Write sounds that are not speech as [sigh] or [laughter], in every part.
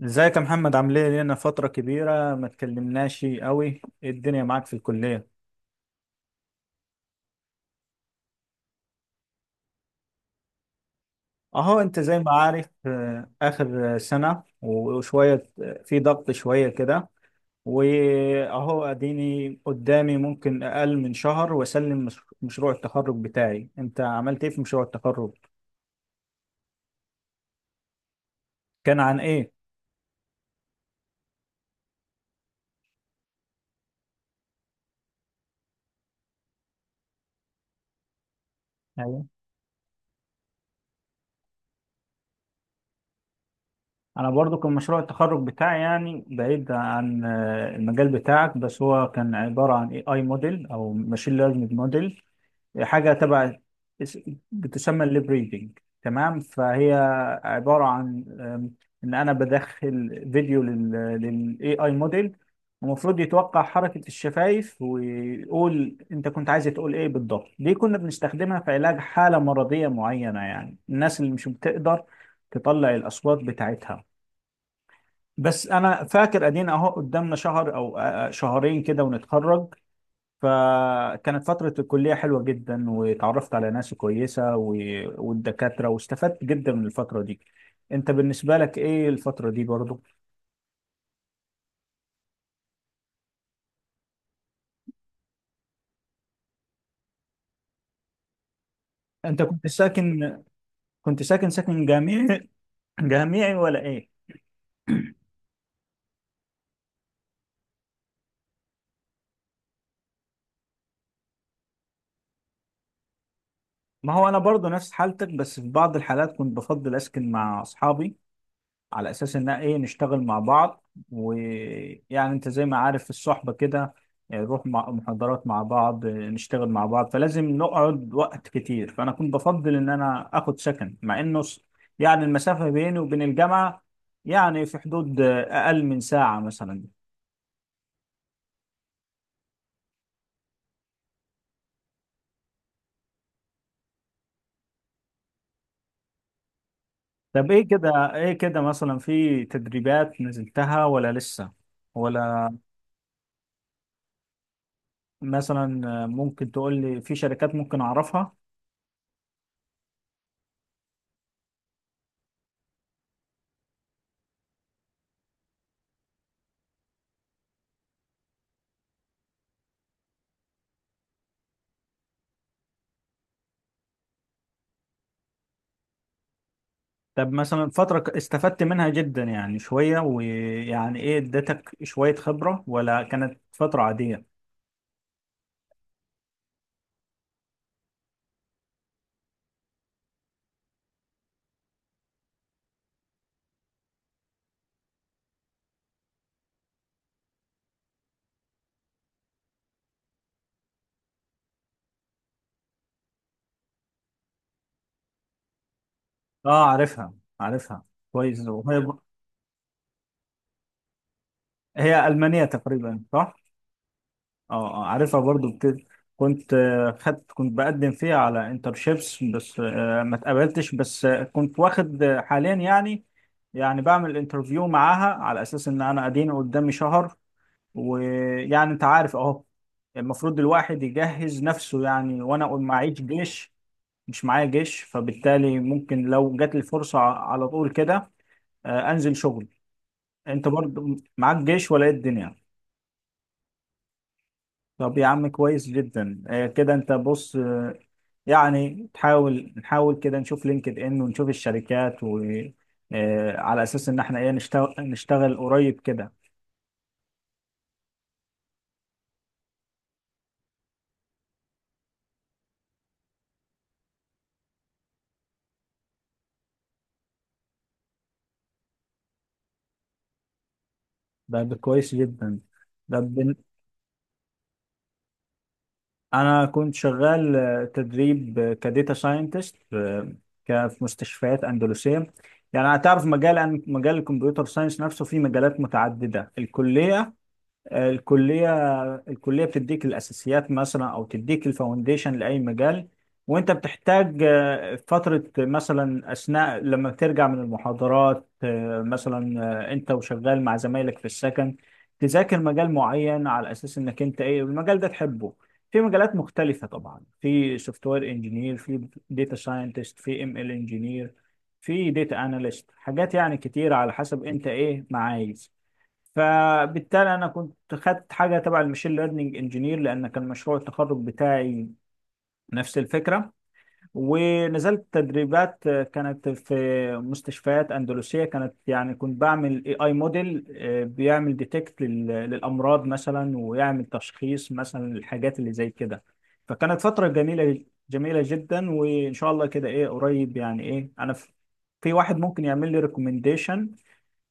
ازيك يا محمد؟ عامل ايه؟ لينا فترة كبيرة ما اتكلمناش قوي. ايه الدنيا معاك في الكلية؟ اهو انت زي ما عارف، اخر سنة وشوية، في ضغط شوية كده. واهو اديني قدامي ممكن اقل من شهر واسلم مشروع التخرج بتاعي. انت عملت ايه في مشروع التخرج؟ كان عن ايه؟ ايوه، انا برضو كان مشروع التخرج بتاعي يعني بعيد عن المجال بتاعك، بس هو كان عبارة عن AI موديل او ماشين ليرنينج موديل. حاجة تبع اس- بتسمى الليبريدنج. تمام، فهي عبارة عن إن أنا بدخل فيديو لل AI موديل، المفروض يتوقع حركة الشفايف ويقول أنت كنت عايز تقول إيه بالضبط. دي كنا بنستخدمها في علاج حالة مرضية معينة، يعني الناس اللي مش بتقدر تطلع الأصوات بتاعتها. بس أنا فاكر أدينا أهو قدامنا شهر أو شهرين كده ونتخرج. فكانت فترة الكلية حلوة جدا، وتعرفت على ناس كويسة و... والدكاترة، واستفدت جدا من الفترة دي. انت بالنسبة لك ايه الفترة دي برضو؟ انت كنت ساكن كنت ساكن ساكن جامعي، [laughs] جامعي ولا ايه؟ ما هو انا برضو نفس حالتك، بس في بعض الحالات كنت بفضل اسكن مع اصحابي على اساس ان ايه، نشتغل مع بعض. ويعني انت زي ما عارف في الصحبة كده، نروح مع محاضرات مع بعض، نشتغل مع بعض، فلازم نقعد وقت كتير. فانا كنت بفضل ان انا اخد سكن مع انه يعني المسافة بيني وبين الجامعة يعني في حدود اقل من ساعة مثلا. طب، ايه كده مثلا، في تدريبات نزلتها ولا لسه؟ ولا مثلا ممكن تقول لي في شركات ممكن اعرفها؟ طب مثلا فترة استفدت منها جدا يعني شوية، ويعني ايه، ادتك شوية خبرة ولا كانت فترة عادية؟ اه، عارفها، عارفها كويس. وهي هي ألمانية تقريبا، صح؟ اه، عارفها برضو كنت آه، خدت كنت بقدم فيها على انترشيبس، بس ما اتقبلتش. بس كنت واخد حاليا يعني، يعني بعمل انترفيو معاها على اساس ان انا اديني قدامي شهر. ويعني انت عارف اهو، المفروض الواحد يجهز نفسه يعني. وانا معيش جيش، مش معايا جيش، فبالتالي ممكن لو جات لي فرصة على طول كده، انزل شغل. انت برضو معاك جيش ولا ايه الدنيا؟ طب يا عم، كويس جدا. كده انت بص، يعني نحاول كده نشوف لينكد ان، ونشوف الشركات و على اساس ان احنا ايه، نشتغل قريب كده. ده كويس جدا. ده انا كنت شغال تدريب كديتا ساينتست في في مستشفيات اندلسيه. يعني هتعرف مجال الكمبيوتر ساينس نفسه فيه مجالات متعدده. الكليه الكلية الكلية بتديك الأساسيات مثلا، أو تديك الفاونديشن لأي مجال. وأنت بتحتاج فترة مثلا، أثناء لما بترجع من المحاضرات، مثلا، أنت وشغال مع زمايلك في السكن، تذاكر مجال معين على أساس إنك أنت إيه، المجال ده تحبه. في مجالات مختلفة طبعا، في سوفت وير انجينير، في داتا ساينتست، في ML انجينير، في داتا اناليست، حاجات يعني كتير على حسب انت ايه ما عايز. فبالتالي انا كنت خدت حاجه تبع المشين ليرنينج انجينير، لان كان مشروع التخرج بتاعي نفس الفكره. ونزلت تدريبات كانت في مستشفيات اندلسيه، كانت يعني كنت بعمل AI موديل بيعمل ديتكت للامراض مثلا، ويعمل تشخيص مثلا للحاجات اللي زي كده. فكانت فتره جميله جميله جدا. وان شاء الله كده ايه قريب، يعني ايه، انا في واحد ممكن يعمل لي ريكومنديشن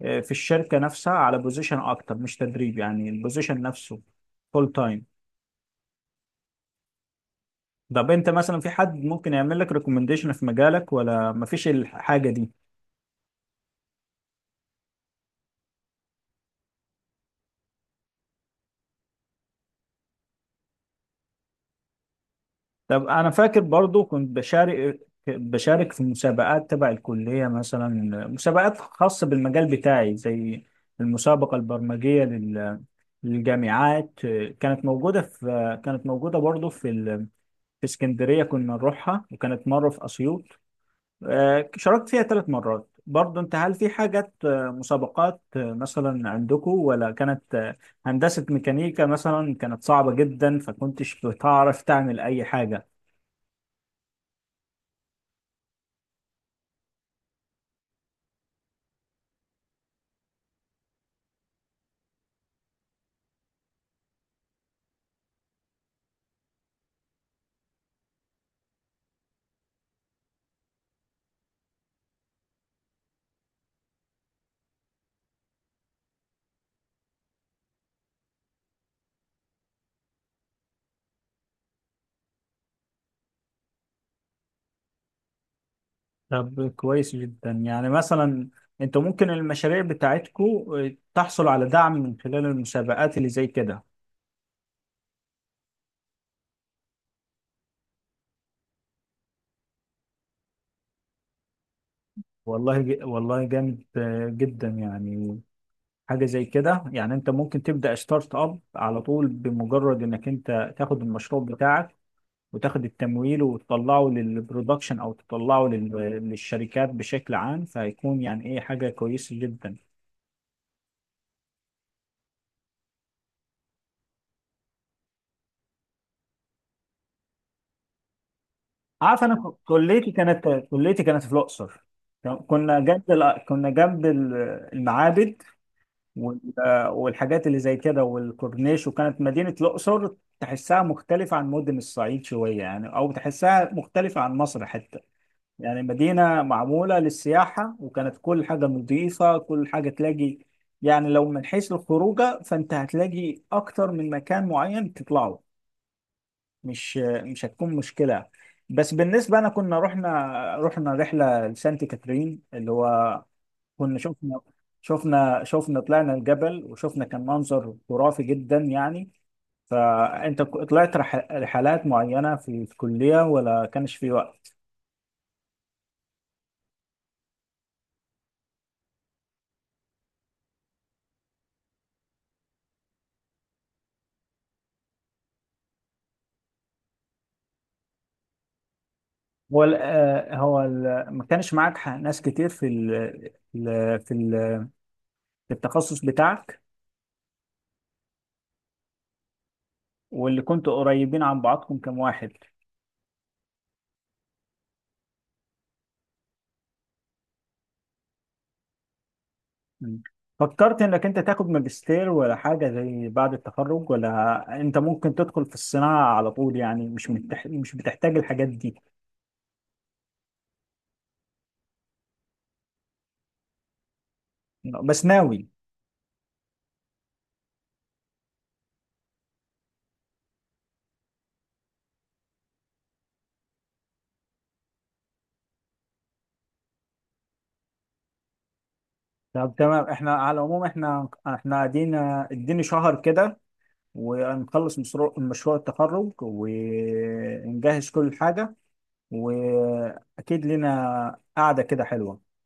في الشركه نفسها على بوزيشن اكتر، مش تدريب، يعني البوزيشن نفسه فول تايم. طب انت مثلا، في حد ممكن يعمل لك ريكومنديشن في مجالك ولا مفيش الحاجه دي؟ طب انا فاكر برضو كنت بشارك في مسابقات تبع الكليه مثلا، مسابقات خاصه بالمجال بتاعي، زي المسابقه البرمجيه للجامعات. كانت موجودة برضو في اسكندرية كنا نروحها، وكانت مرة في أسيوط. شاركت فيها 3 مرات برضه. انت هل في حاجات مسابقات مثلا عندكم، ولا كانت هندسة ميكانيكا مثلا كانت صعبة جدا فكنتش بتعرف تعمل اي حاجة؟ طب كويس جدا. يعني مثلا، انتوا ممكن المشاريع بتاعتكم تحصل على دعم من خلال المسابقات اللي زي كده. والله والله جامد جدا، يعني حاجة زي كده. يعني انت ممكن تبدأ ستارت اب على طول، بمجرد انك انت تاخد المشروع بتاعك، وتاخد التمويل وتطلعه للبرودكشن او تطلعه للشركات بشكل عام، فهيكون يعني ايه حاجه كويسه جدا. عارف، انا كليتي كانت في الاقصر. كنا جنب المعابد وال- والحاجات اللي زي كده والكورنيش. وكانت مدينه الاقصر تحسها مختلفه عن مدن الصعيد شويه يعني، او تحسها مختلفه عن مصر حتى. يعني مدينة معمولة للسياحة، وكانت كل حاجة نظيفة، كل حاجة تلاقي. يعني لو من حيث الخروجة فأنت هتلاقي أكتر من مكان معين تطلعه، مش مش هتكون مشكلة. بس بالنسبة أنا كنا رحنا رحلة لسانت كاترين اللي هو، كنا شفنا طلعنا الجبل، وشفنا كان منظر خرافي جدا يعني. فأنت طلعت رحلات معينة في الكلية ولا كانش في وقت؟ هو ال- آه، هو ال- ما كانش معاك ناس كتير في ال- في ال- في التخصص بتاعك. واللي كنتوا قريبين عن بعضكم كم واحد؟ م. فكرت انك انت تاخد ماجستير ولا حاجة زي بعد التخرج، ولا انت ممكن تدخل في الصناعة على طول، يعني مش بتحتاج الحاجات دي؟ بس ناوي؟ طب تمام، احنا على العموم، احنا احنا قاعدين اديني شهر كده، ونخلص مشروع التخرج، ونجهز كل حاجة، واكيد لنا قعده كده حلوه.